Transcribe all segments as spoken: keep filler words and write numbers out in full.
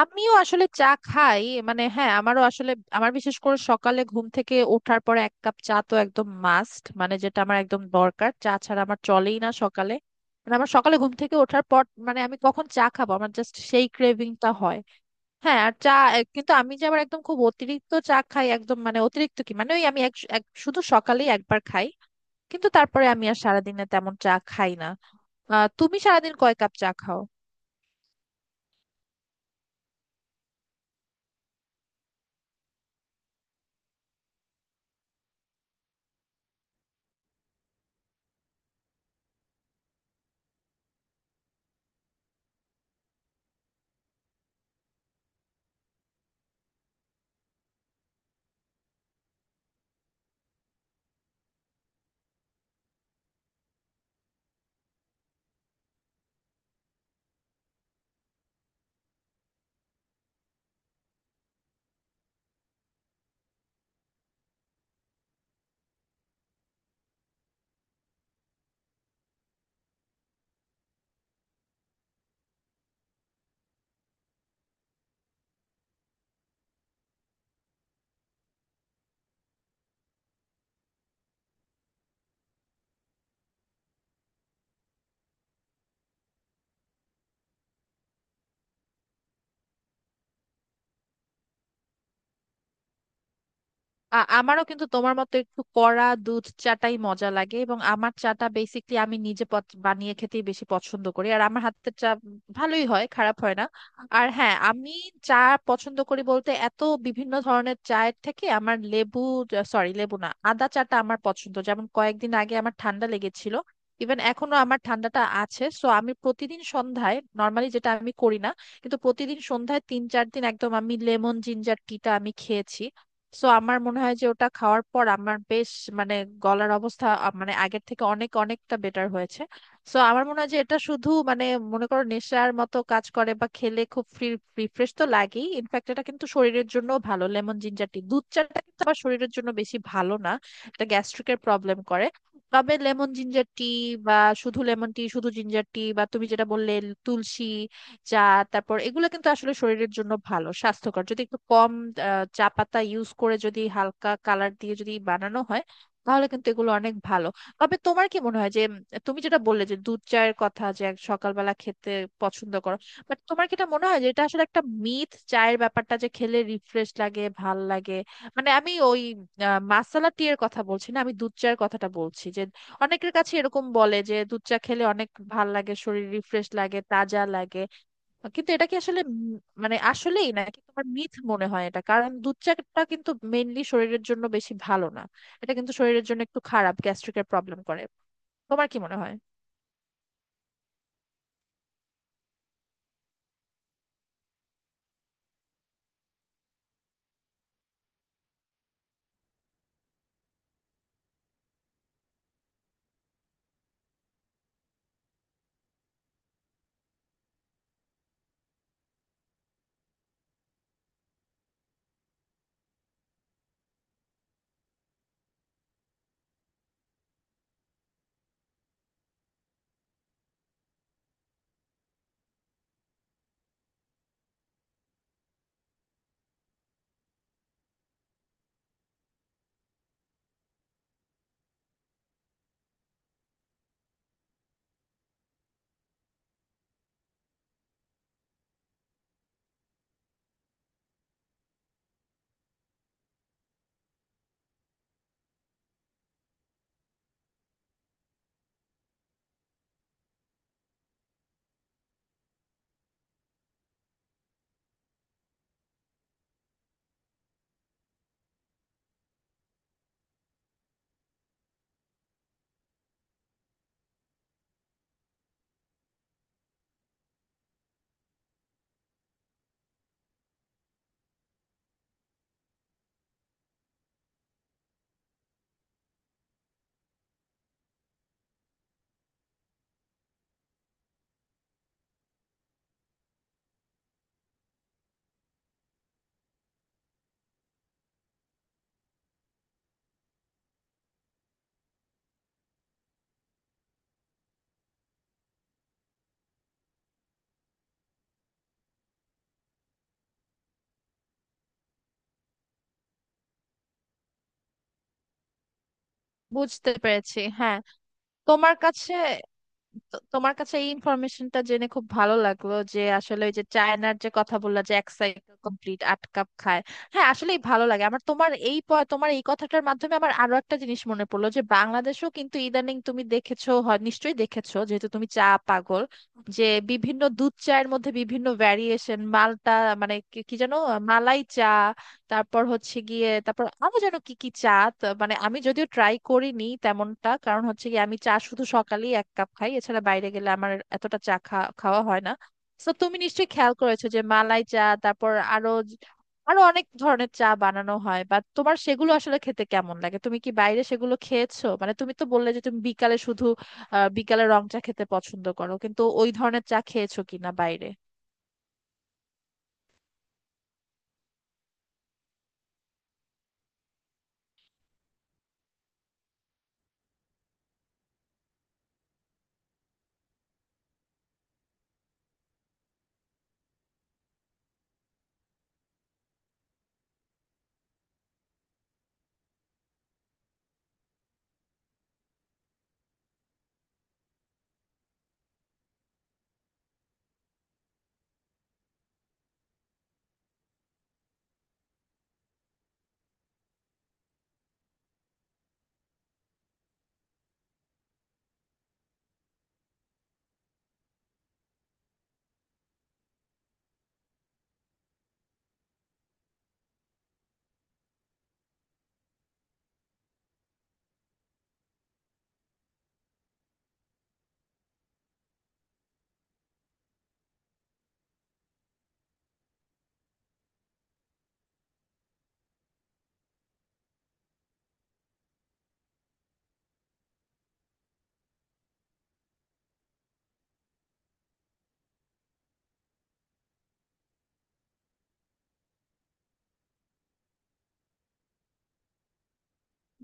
আমিও আসলে চা খাই। মানে হ্যাঁ, আমারও আসলে আমার বিশেষ করে সকালে ঘুম থেকে ওঠার পরে এক কাপ চা তো একদম মাস্ট। মানে যেটা আমার একদম দরকার, চা ছাড়া আমার চলেই না সকালে। মানে আমার সকালে ঘুম থেকে ওঠার পর মানে আমি কখন চা খাবো, আমার জাস্ট সেই ক্রেভিংটা হয়। হ্যাঁ। আর চা, এ- কিন্তু আমি যে আবার একদম খুব অতিরিক্ত চা খাই, একদম মানে অতিরিক্ত কি, মানে ওই আমি এক এক- শুধু সকালেই একবার খাই। কিন্তু তারপরে আমি আর সারাদিনে তেমন চা খাই না। আহ তুমি সারাদিন কয় কাপ চা খাও? আ- আমারও কিন্তু তোমার মতো একটু কড়া দুধ চাটাই মজা লাগে। এবং আমার চাটা বেসিকলি আমি নিজে পচ- বানিয়ে খেতেই বেশি পছন্দ করি। আর আমার হাতের চা ভালোই হয়, খারাপ হয় না। আর হ্যাঁ, আমি চা পছন্দ করি বলতে, এত বিভিন্ন ধরনের চায়ের থেকে আমার লেবু, সরি লেবু না, আদা চাটা আমার পছন্দ। যেমন কয়েকদিন আগে আমার ঠান্ডা লেগেছিল, ইভেন এখনো আমার ঠান্ডাটা আছে। সো আমি প্রতিদিন সন্ধ্যায়, নর্মালি যেটা আমি করি না, কিন্তু প্রতিদিন সন্ধ্যায় তিন চার দিন একদম আমি লেমন জিঞ্জার টিটা আমি খেয়েছি। সো আমার মনে হয় যে ওটা খাওয়ার পর আমার বেশ মানে গলার অবস্থা আ- মানে আগের থেকে অনেক অনেকটা বেটার হয়েছে। সো আমার মনে হয় যে এটা শুধু মানে মনে করো নেশার মতো কাজ করে, বা খেলে খুব ফ্রি রিফ্রেশ তো লাগেই। ইনফ্যাক্ট এটা কিন্তু শরীরের জন্য ভালো, লেমন জিঞ্জার টি। দুধ চাটা কিন্তু আবার শরীরের জন্য বেশি ভালো না, এটা গ্যাস্ট্রিকের প্রবলেম করে। তবে লেমন জিঞ্জার টি বা শুধু লেমন টি, শুধু জিঞ্জার টি, বা তুমি যেটা বললে তুলসী চা, তারপর এগুলো কিন্তু আসলে শরীরের জন্য ভালো, স্বাস্থ্যকর যদি একটু কম আহ, চা পাতা ইউজ করে, যদি হালকা কালার দিয়ে যদি বানানো হয়, তাহলে কিন্তু এগুলো অনেক ভালো। তবে তোমার কি মনে হয় যে উম, তুমি যেটা বললে যে দুধ চায়ের কথা, যে এক সকালবেলা খেতে পছন্দ করো, বাট তোমার কি এটা মনে হয় যে এটা আসলে একটা মিথ চায়ের ব্যাপারটা, যে খেলে রিফ্রেশ লাগে, ভাল লাগে? মানে আমি ওই আহ, মাসালা টি এর কথা বলছি না, আমি দুধ চায়ের কথাটা বলছি। যে অনেকের কাছে এরকম বলে যে দুধ চা খেলে অনেক ভাল লাগে, শরীর রিফ্রেশ লাগে, তাজা লাগে। কিন্তু এটা কি আসলে উম মানে আসলেই, নাকি তোমার মিথ মনে হয় এটা? কারণ দুধ চাটা কিন্তু মেইনলি শরীরের জন্য বেশি ভালো না, এটা কিন্তু শরীরের জন্য একটু খারাপ, গ্যাস্ট্রিকের প্রবলেম করে। তোমার কি মনে হয়? বুঝতে পেরেছি, হ্যাঁ। তোমার কাছে, তো তোমার কাছে এই ইনফরমেশনটা জেনে খুব ভালো লাগলো যে আসলে ওই যে চায়নার যে কথা বললা, যে এক সাইকেল কমপ্লিট আট কাপ খায়। হ্যাঁ আসলেই ভালো লাগে আমার। তোমার এই প- তোমার এই কথাটার মাধ্যমে আমার আরো একটা জিনিস মনে পড়লো যে বাংলাদেশও কিন্তু ইদানিং তুমি দেখেছো হয়, নিশ্চয়ই দেখেছো যেহেতু তুমি চা পাগল, যে বিভিন্ন দুধ চায়ের মধ্যে বিভিন্ন ভ্যারিয়েশন, মালটা মানে কি কি যেন, মালাই চা, তারপর হচ্ছে গিয়ে তারপর আরো যেন কি কি চা। তা- মানে আমি যদিও ট্রাই করিনি তেমনটা, কারণ হচ্ছে গিয়ে আমি চা শুধু সকালেই এক কাপ খাই, এছাড়া বাইরে গেলে আমার এতটা চা খা- খাওয়া হয় না। তো তুমি নিশ্চয়ই খেয়াল করেছো যে মালাই চা, তারপর আরো আরো অনেক ধরনের চা বানানো হয়, বা তোমার সেগুলো আসলে খেতে কেমন লাগে? তুমি কি বাইরে সেগুলো খেয়েছো? মানে তুমি তো বললে যে তুমি বিকালে শুধু আহ বিকালে রং চা খেতে পছন্দ করো, কিন্তু ওই ধরনের চা খেয়েছো কিনা বাইরে?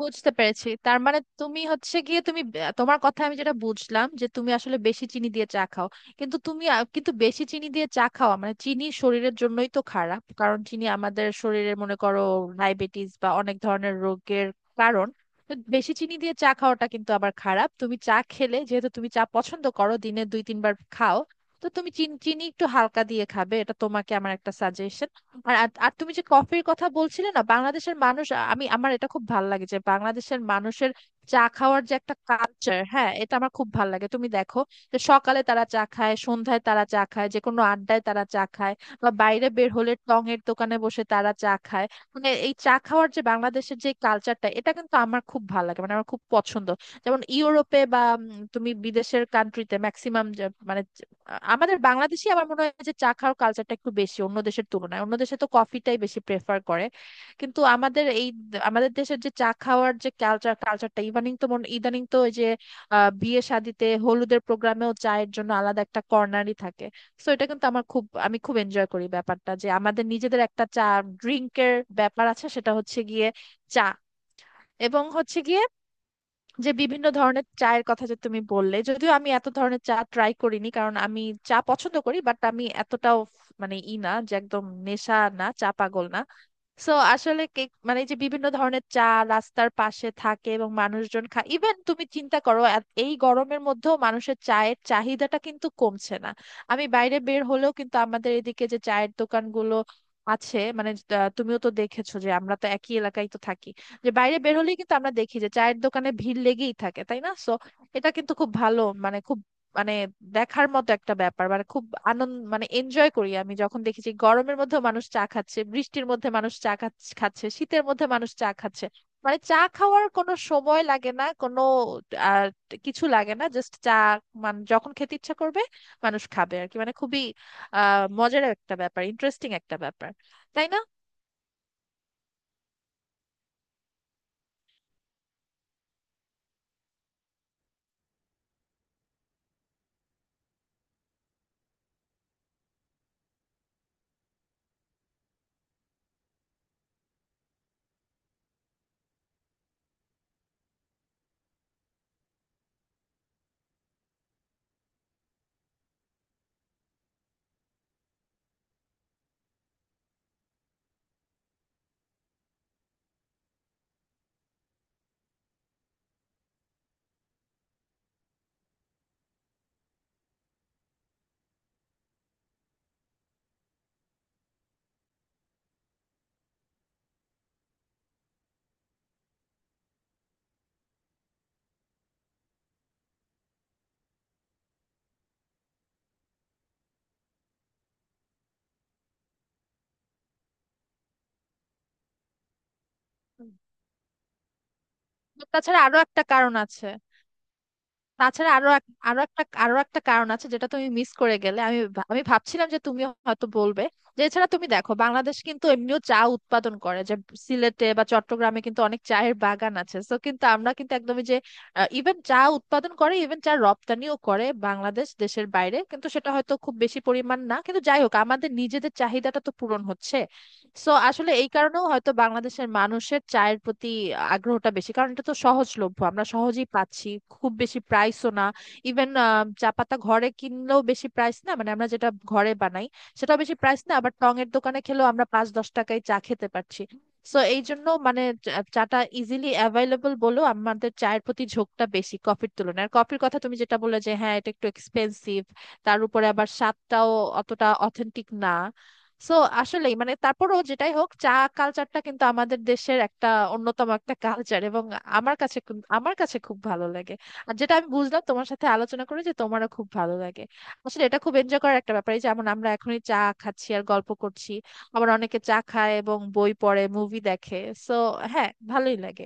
বুঝতে পেরেছি। তার মানে তুমি হচ্ছে গিয়ে, তুমি বে- তোমার কথা আমি যেটা বুঝলাম যে তুমি আসলে বেশি চিনি দিয়ে চা খাও। কিন্তু তুমি আ- কিন্তু বেশি চিনি দিয়ে চা খাওয়া মানে, চিনি শরীরের জন্যই তো খারাপ, কারণ চিনি আমাদের শরীরের মনে করো ডায়াবেটিস বা অনেক ধরনের রোগের কারণ। তো বেশি চিনি দিয়ে চা খাওয়াটা কিন্তু আবার খারাপ। তুমি চা খেলে, যেহেতু তুমি চা পছন্দ করো, দিনে দুই তিনবার খাও, তো তুমি চিন- চিনি একটু হালকা দিয়ে খাবে, এটা তোমাকে আমার একটা সাজেশন। আর আর আর তুমি যে কফির কথা বলছিলে না, বাংলাদেশের মানুষ, আমি আমার এটা খুব ভাল লাগে যে বাংলাদেশের মানুষের চা খাওয়ার যে একটা কালচার, হ্যাঁ এটা আমার খুব ভাল লাগে। তুমি দেখো যে সকালে তারা চা খায়, সন্ধ্যায় তারা চা খায়, যে কোনো আড্ডায় তারা চা খায়, বা বাইরে বের হলে টং এর দোকানে বসে তারা চা খায়। মানে এই চা খাওয়ার যে বাংলাদেশের যে কালচারটা, এটা কিন্তু আমার খুব ভাল লাগে, মানে আমার খুব পছন্দ। যেমন ইউরোপে বা উম, তুমি বিদেশের কান্ট্রিতে ম্যাক্সিমাম মানে আ- আমাদের বাংলাদেশে আমার মনে হয় যে চা খাওয়ার কালচারটা একটু বেশি অন্য দেশের তুলনায়, অন্য দেশে তো কফিটাই বেশি প্রেফার করে। কিন্তু আমাদের এই, আমাদের দেশের যে চা খাওয়ার যে কালচার কালচারটা ইদানিং তো মনে- ইদানিং তো ওই যে আহ বিয়ে শাদিতে হলুদের প্রোগ্রামেও চায়ের জন্য আলাদা একটা কর্নারই থাকে। তো এটা কিন্তু আমার খুব, আমি খুব এনজয় করি ব্যাপারটা, যে আমাদের নিজেদের একটা চা ড্রিঙ্কের ব্যাপার আছে, সেটা হচ্ছে গিয়ে চা, এবং হচ্ছে গিয়ে যে বিভিন্ন ধরনের চায়ের কথা যে তুমি বললে, যদিও আমি এত ধরনের চা ট্রাই করিনি কারণ আমি চা পছন্দ করি বাট আমি এতটাও মানে ই না যে একদম, নেশা না, চা পাগল না। সো আসলে কেক মানে এই যে বিভিন্ন ধরনের চা রাস্তার পাশে থাকে এবং মানুষজন খায়, ইভেন তুমি চিন্তা করো এত- এই গরমের মধ্যেও মানুষের চায়ের চাহিদাটা কিন্তু কমছে না। আমি বাইরে বের হলেও কিন্তু আমাদের এদিকে যে চায়ের দোকানগুলো আছে, মানে আহ, তুমিও তো দেখেছো যে আমরা তো একই এলাকায় তো থাকি, যে বাইরে বের হলেই কিন্তু আমরা দেখি যে চায়ের দোকানে ভিড় লেগেই থাকে, তাই না? সো এটা কিন্তু খুব ভালো, মানে খুব মানে দেখার মতো একটা ব্যাপার, মানে খুব আনন্দ, মানে এনজয় করি আমি যখন দেখেছি গরমের মধ্যে মানুষ চা খাচ্ছে, বৃষ্টির মধ্যে মানুষ চা খাচ- খাচ্ছে, শীতের মধ্যে মানুষ চা খাচ্ছে। মানে চা খাওয়ার কোনো সময় লাগে না, কোনো আর কিছু লাগে না, জাস্ট চা। মানে যখন খেতে ইচ্ছা করবে মানুষ খাবে আর কি, মানে খুবই আহ মজার একটা ব্যাপার, ইন্টারেস্টিং একটা ব্যাপার, তাই না? হুম। তাছাড়া আরো একটা কারণ আছে। তাছাড়া আরো এক- আরো একটা আরো একটা কারণ আছে যেটা তুমি মিস করে গেলে। আমি ভা- আমি ভাবছিলাম যে তুমি হয়তো বলবে যে এছাড়া তুমি দেখো বাংলাদেশ কিন্তু এমনিও চা উৎপাদন করে, যে সিলেটে বা চট্টগ্রামে কিন্তু অনেক চায়ের বাগান আছে। তো কিন্তু আমরা কিন্তু একদমই যে ইভেন চা উৎপাদন করে, ইভেন চা রপ্তানিও করে বাংলাদেশ দেশের বাইরে, কিন্তু সেটা হয়তো খুব বেশি পরিমাণ না। কিন্তু যাই হোক আমাদের নিজেদের চাহিদাটা তো পূরণ হচ্ছে। সো আসলে এই কারণেও হয়তো বাংলাদেশের মানুষের চায়ের প্রতি আগ্রহটা বেশি, কারণ এটা তো সহজলভ্য, আমরা সহজেই পাচ্ছি, খুব বেশি প্রাইসও না। ইভেন চা পাতা ঘরে কিনলেও বেশি প্রাইস না, মানে আমরা যেটা ঘরে বানাই সেটাও বেশি প্রাইস না, আবার টং এর দোকানে খেলেও আমরা পাঁচ দশ টাকায় চা খেতে পারছি। সো এই জন্য মানে চা- চাটা ইজিলি অ্যাভেলেবল বলেও আমাদের চায়ের প্রতি ঝোঁকটা বেশি কফির তুলনায়। আর কফির কথা তুমি যেটা বললে, যে হ্যাঁ এটা একটু এক্সপেন্সিভ, তার উপরে আবার স্বাদটাও অতটা অথেন্টিক না। সো আসলেই মানে তারপরও যেটাই হোক, চা কালচারটা কিন্তু আমাদের দেশের একটা অন্যতম একটা কালচার, এবং আমার কাছে খুব- আমার কাছে খুব ভালো লাগে। আর যেটা আমি বুঝলাম তোমার সাথে আলোচনা করে যে তোমারও খুব ভালো লাগে। আসলে এটা খুব এনজয় করার একটা ব্যাপার, এই যেমন আমরা এখনই চা খাচ্ছি আর গল্প করছি। আবার অনেকে চা খায় এবং বই পড়ে, মুভি দেখে। সো হ্যাঁ ভালোই লাগে।